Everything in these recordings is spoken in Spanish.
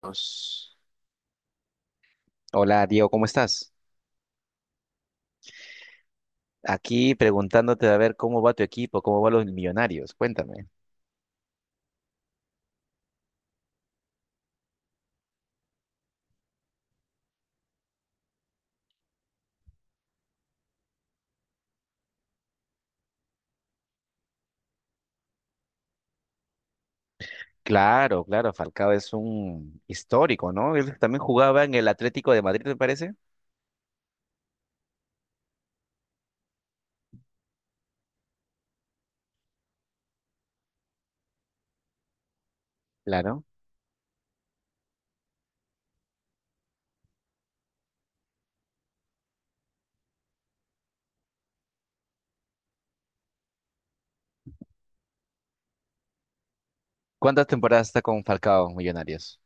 Pues, hola, Diego, ¿cómo estás? Aquí preguntándote a ver cómo va tu equipo, cómo van los Millonarios. Cuéntame. Claro, claro, Falcao es un histórico, ¿no? Él también jugaba en el Atlético de Madrid, me parece. Claro. ¿Cuántas temporadas está con Falcao Millonarios?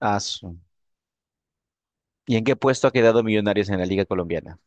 Ah, su. ¿Y en qué puesto ha quedado Millonarios en la Liga Colombiana?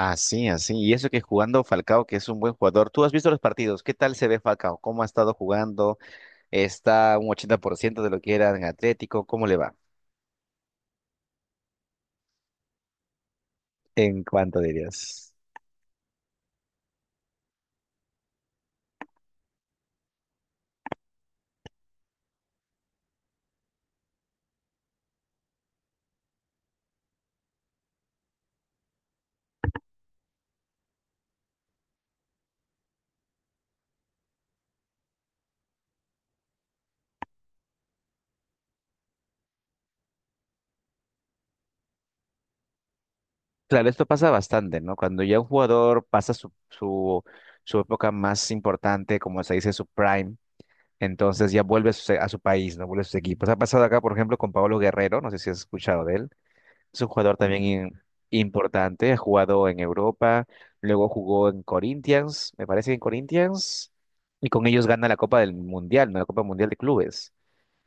Ah, sí, así. Y eso que jugando Falcao, que es un buen jugador. ¿Tú has visto los partidos? ¿Qué tal se ve Falcao? ¿Cómo ha estado jugando? ¿Está un 80% de lo que era en Atlético? ¿Cómo le va? ¿En cuánto dirías? Claro, esto pasa bastante, ¿no? Cuando ya un jugador pasa su época más importante, como se dice, su prime, entonces ya vuelve a su país, ¿no? Vuelve a sus equipos. Ha pasado acá, por ejemplo, con Pablo Guerrero, no sé si has escuchado de él. Es un jugador también importante, ha jugado en Europa, luego jugó en Corinthians, me parece que en Corinthians, y con ellos gana la Copa del Mundial, ¿no? La Copa Mundial de Clubes.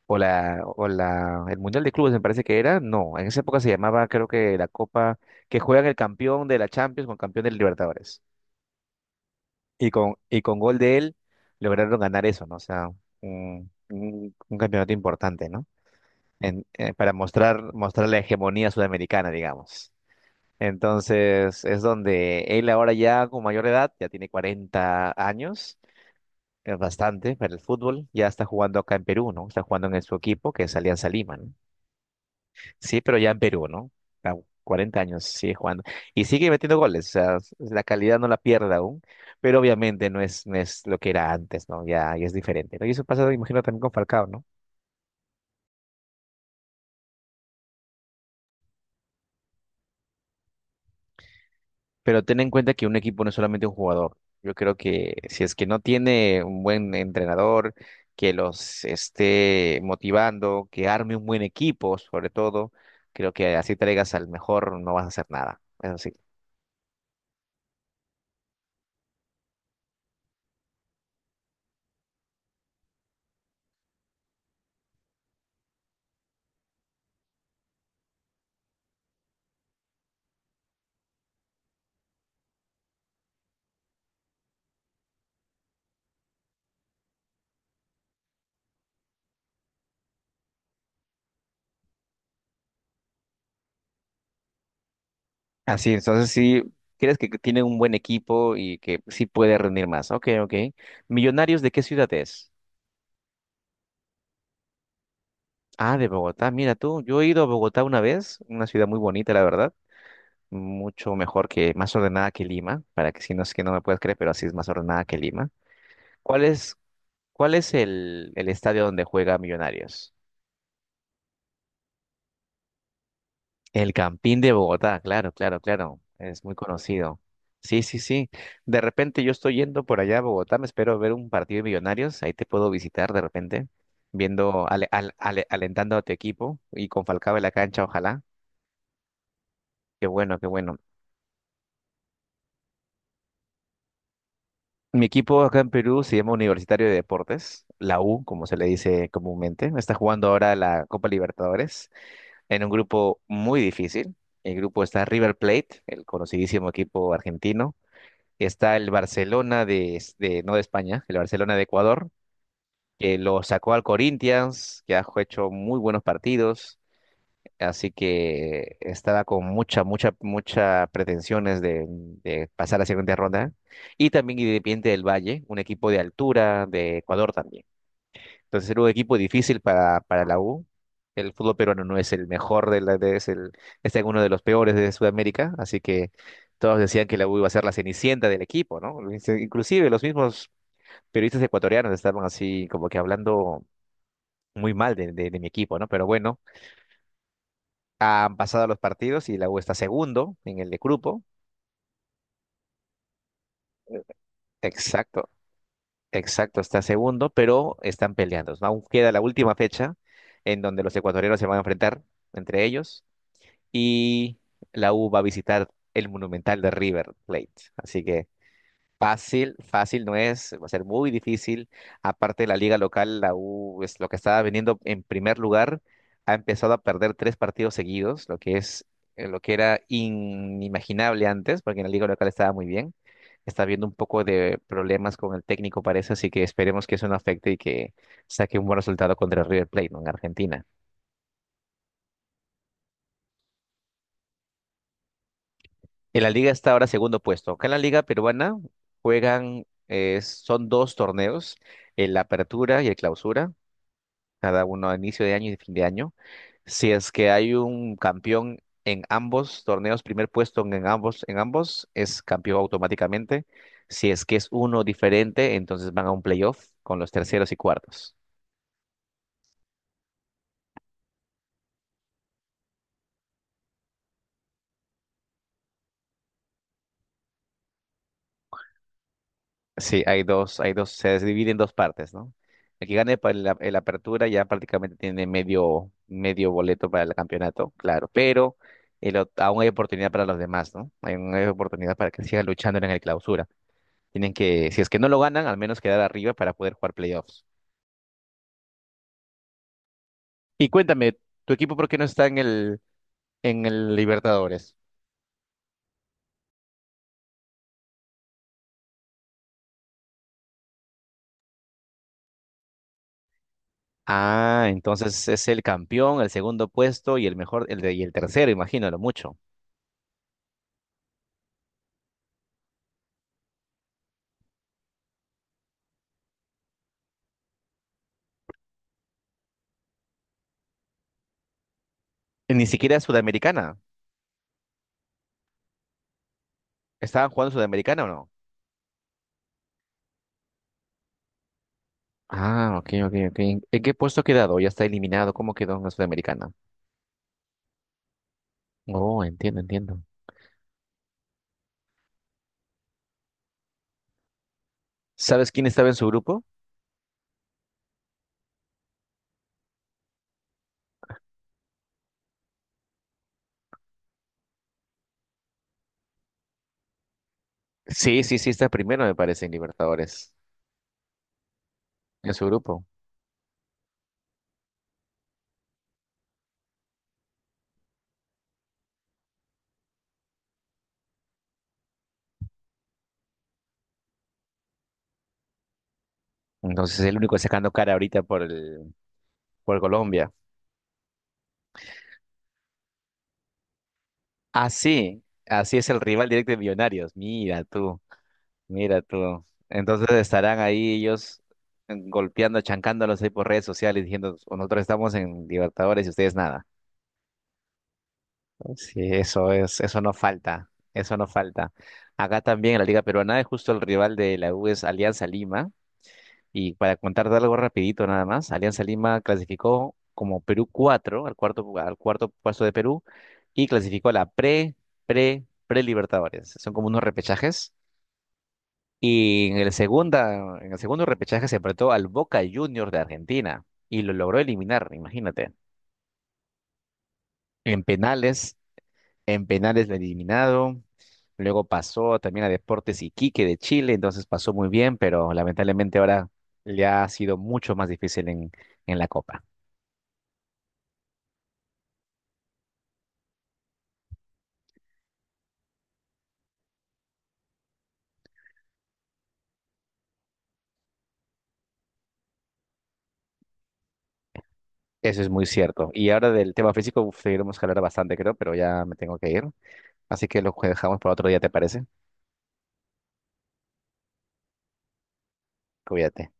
El Mundial de Clubes me parece que era, no, en esa época se llamaba creo que la Copa que juegan el campeón de la Champions con campeón del Libertadores. Y con gol de él lograron ganar eso, ¿no? O sea, un campeonato importante, ¿no? Para mostrar la hegemonía sudamericana, digamos. Entonces, es donde él ahora ya con mayor edad, ya tiene 40 años, es bastante para el fútbol, ya está jugando acá en Perú, ¿no? Está jugando en su equipo, que es Alianza Lima, ¿no? Sí, pero ya en Perú, ¿no? A 40 años sigue jugando. Y sigue metiendo goles, o sea, la calidad no la pierde aún, pero obviamente no es lo que era antes, ¿no? Ya, ya es diferente, ¿no? Y eso pasa, imagino, también con Falcao, ¿no? Pero ten en cuenta que un equipo no es solamente un jugador. Yo creo que si es que no tiene un buen entrenador que los esté motivando, que arme un buen equipo, sobre todo, creo que así traigas al mejor, no vas a hacer nada. Eso sí, así, entonces sí, crees que tiene un buen equipo y que sí puede rendir más. Ok, ok. Millonarios, ¿de qué ciudad es? Ah, de Bogotá. Mira tú, yo he ido a Bogotá una vez, una ciudad muy bonita, la verdad. Mucho mejor que, más ordenada que Lima, para que si no es que no me puedes creer, pero así es más ordenada que Lima. ¿Cuál es, cuál es el estadio donde juega Millonarios? El Campín de Bogotá, claro, claro, claro. Es muy conocido. Sí, sí, sí. De repente yo estoy yendo por allá a Bogotá, me espero ver un partido de Millonarios, ahí te puedo visitar de repente, viendo, alentando a tu equipo y con Falcao en la cancha, ojalá. Qué bueno, qué bueno. Mi equipo acá en Perú se llama Universitario de Deportes, la U, como se le dice comúnmente. Está jugando ahora la Copa Libertadores en un grupo muy difícil. El grupo está River Plate, el conocidísimo equipo argentino. Está el Barcelona de, no de España, el Barcelona de Ecuador, que lo sacó al Corinthians, que ha hecho muy buenos partidos. Así que estaba con mucha, mucha, mucha pretensiones de pasar a la siguiente ronda. Y también Independiente del Valle, un equipo de altura de Ecuador también. Entonces era un equipo difícil para la U. El fútbol peruano no es el mejor de la, de- es el, está en uno de los peores de Sudamérica, así que todos decían que la U iba a ser la cenicienta del equipo, ¿no? Inclusive los mismos periodistas ecuatorianos estaban así como que hablando muy mal de mi equipo, ¿no? Pero bueno, han pasado los partidos y la U está segundo en el de grupo. Exacto, exacto, está segundo, pero están peleando, ¿no? Aún queda la última fecha en donde los ecuatorianos se van a enfrentar entre ellos y la U va a visitar el Monumental de River Plate. Así que fácil, fácil no es, va a ser muy difícil. Aparte de la liga local, la U es lo que estaba viniendo en primer lugar, ha empezado a perder tres partidos seguidos, lo que era inimaginable antes, porque en la liga local estaba muy bien. Está habiendo un poco de problemas con el técnico, parece, así que esperemos que eso no afecte y que saque un buen resultado contra el River Plate, ¿no? En Argentina. En la liga está ahora segundo puesto. Acá en la liga peruana son dos torneos, el Apertura y el Clausura, cada uno a inicio de año y de fin de año. Si es que hay un campeón en ambos torneos, primer puesto en ambos, es campeón automáticamente. Si es que es uno diferente, entonces van a un playoff con los terceros y cuartos. Sí, hay dos, se divide en dos partes, ¿no? El que gane el apertura ya prácticamente tiene medio, medio boleto para el campeonato, claro, pero aún hay oportunidad para los demás, ¿no? Hay oportunidad para que sigan luchando en el clausura. Tienen que, si es que no lo ganan, al menos quedar arriba para poder jugar playoffs. Y cuéntame, ¿tu equipo por qué no está en el Libertadores? Ah, entonces es el campeón, el segundo puesto y el mejor, y el tercero, imagino, lo mucho. Ni siquiera es Sudamericana. ¿Estaban jugando Sudamericana o no? Ah, ok, ok, ok. ¿En qué puesto ha quedado? ¿Ya está eliminado? ¿Cómo quedó en la Sudamericana? Oh, entiendo, entiendo. ¿Sabes quién estaba en su grupo? Sí, sí, sí, está primero, me parece, en Libertadores, en su grupo. Entonces es el único sacando cara ahorita por Colombia. Ah, sí, así es el rival directo de Millonarios. Mira tú, mira tú. Entonces estarán ahí ellos golpeando, chancándolos ahí por redes sociales, diciendo, nosotros estamos en Libertadores y ustedes nada. Sí, eso es, eso no falta, eso no falta. Acá también en la Liga Peruana es justo el rival de la U es Alianza Lima. Y para contarte algo rapidito nada más, Alianza Lima clasificó como Perú 4, al cuarto puesto de Perú y clasificó a la pre-Libertadores. Son como unos repechajes. Y en el segundo repechaje se enfrentó al Boca Juniors de Argentina y lo logró eliminar, imagínate. En penales En penales lo eliminado. Luego pasó también a Deportes Iquique de Chile, entonces pasó muy bien, pero lamentablemente ahora le ha sido mucho más difícil en la Copa. Eso es muy cierto. Y ahora del tema físico uf, seguiremos a hablar bastante, creo, pero ya me tengo que ir. Así que lo dejamos para otro día, ¿te parece? Cuídate.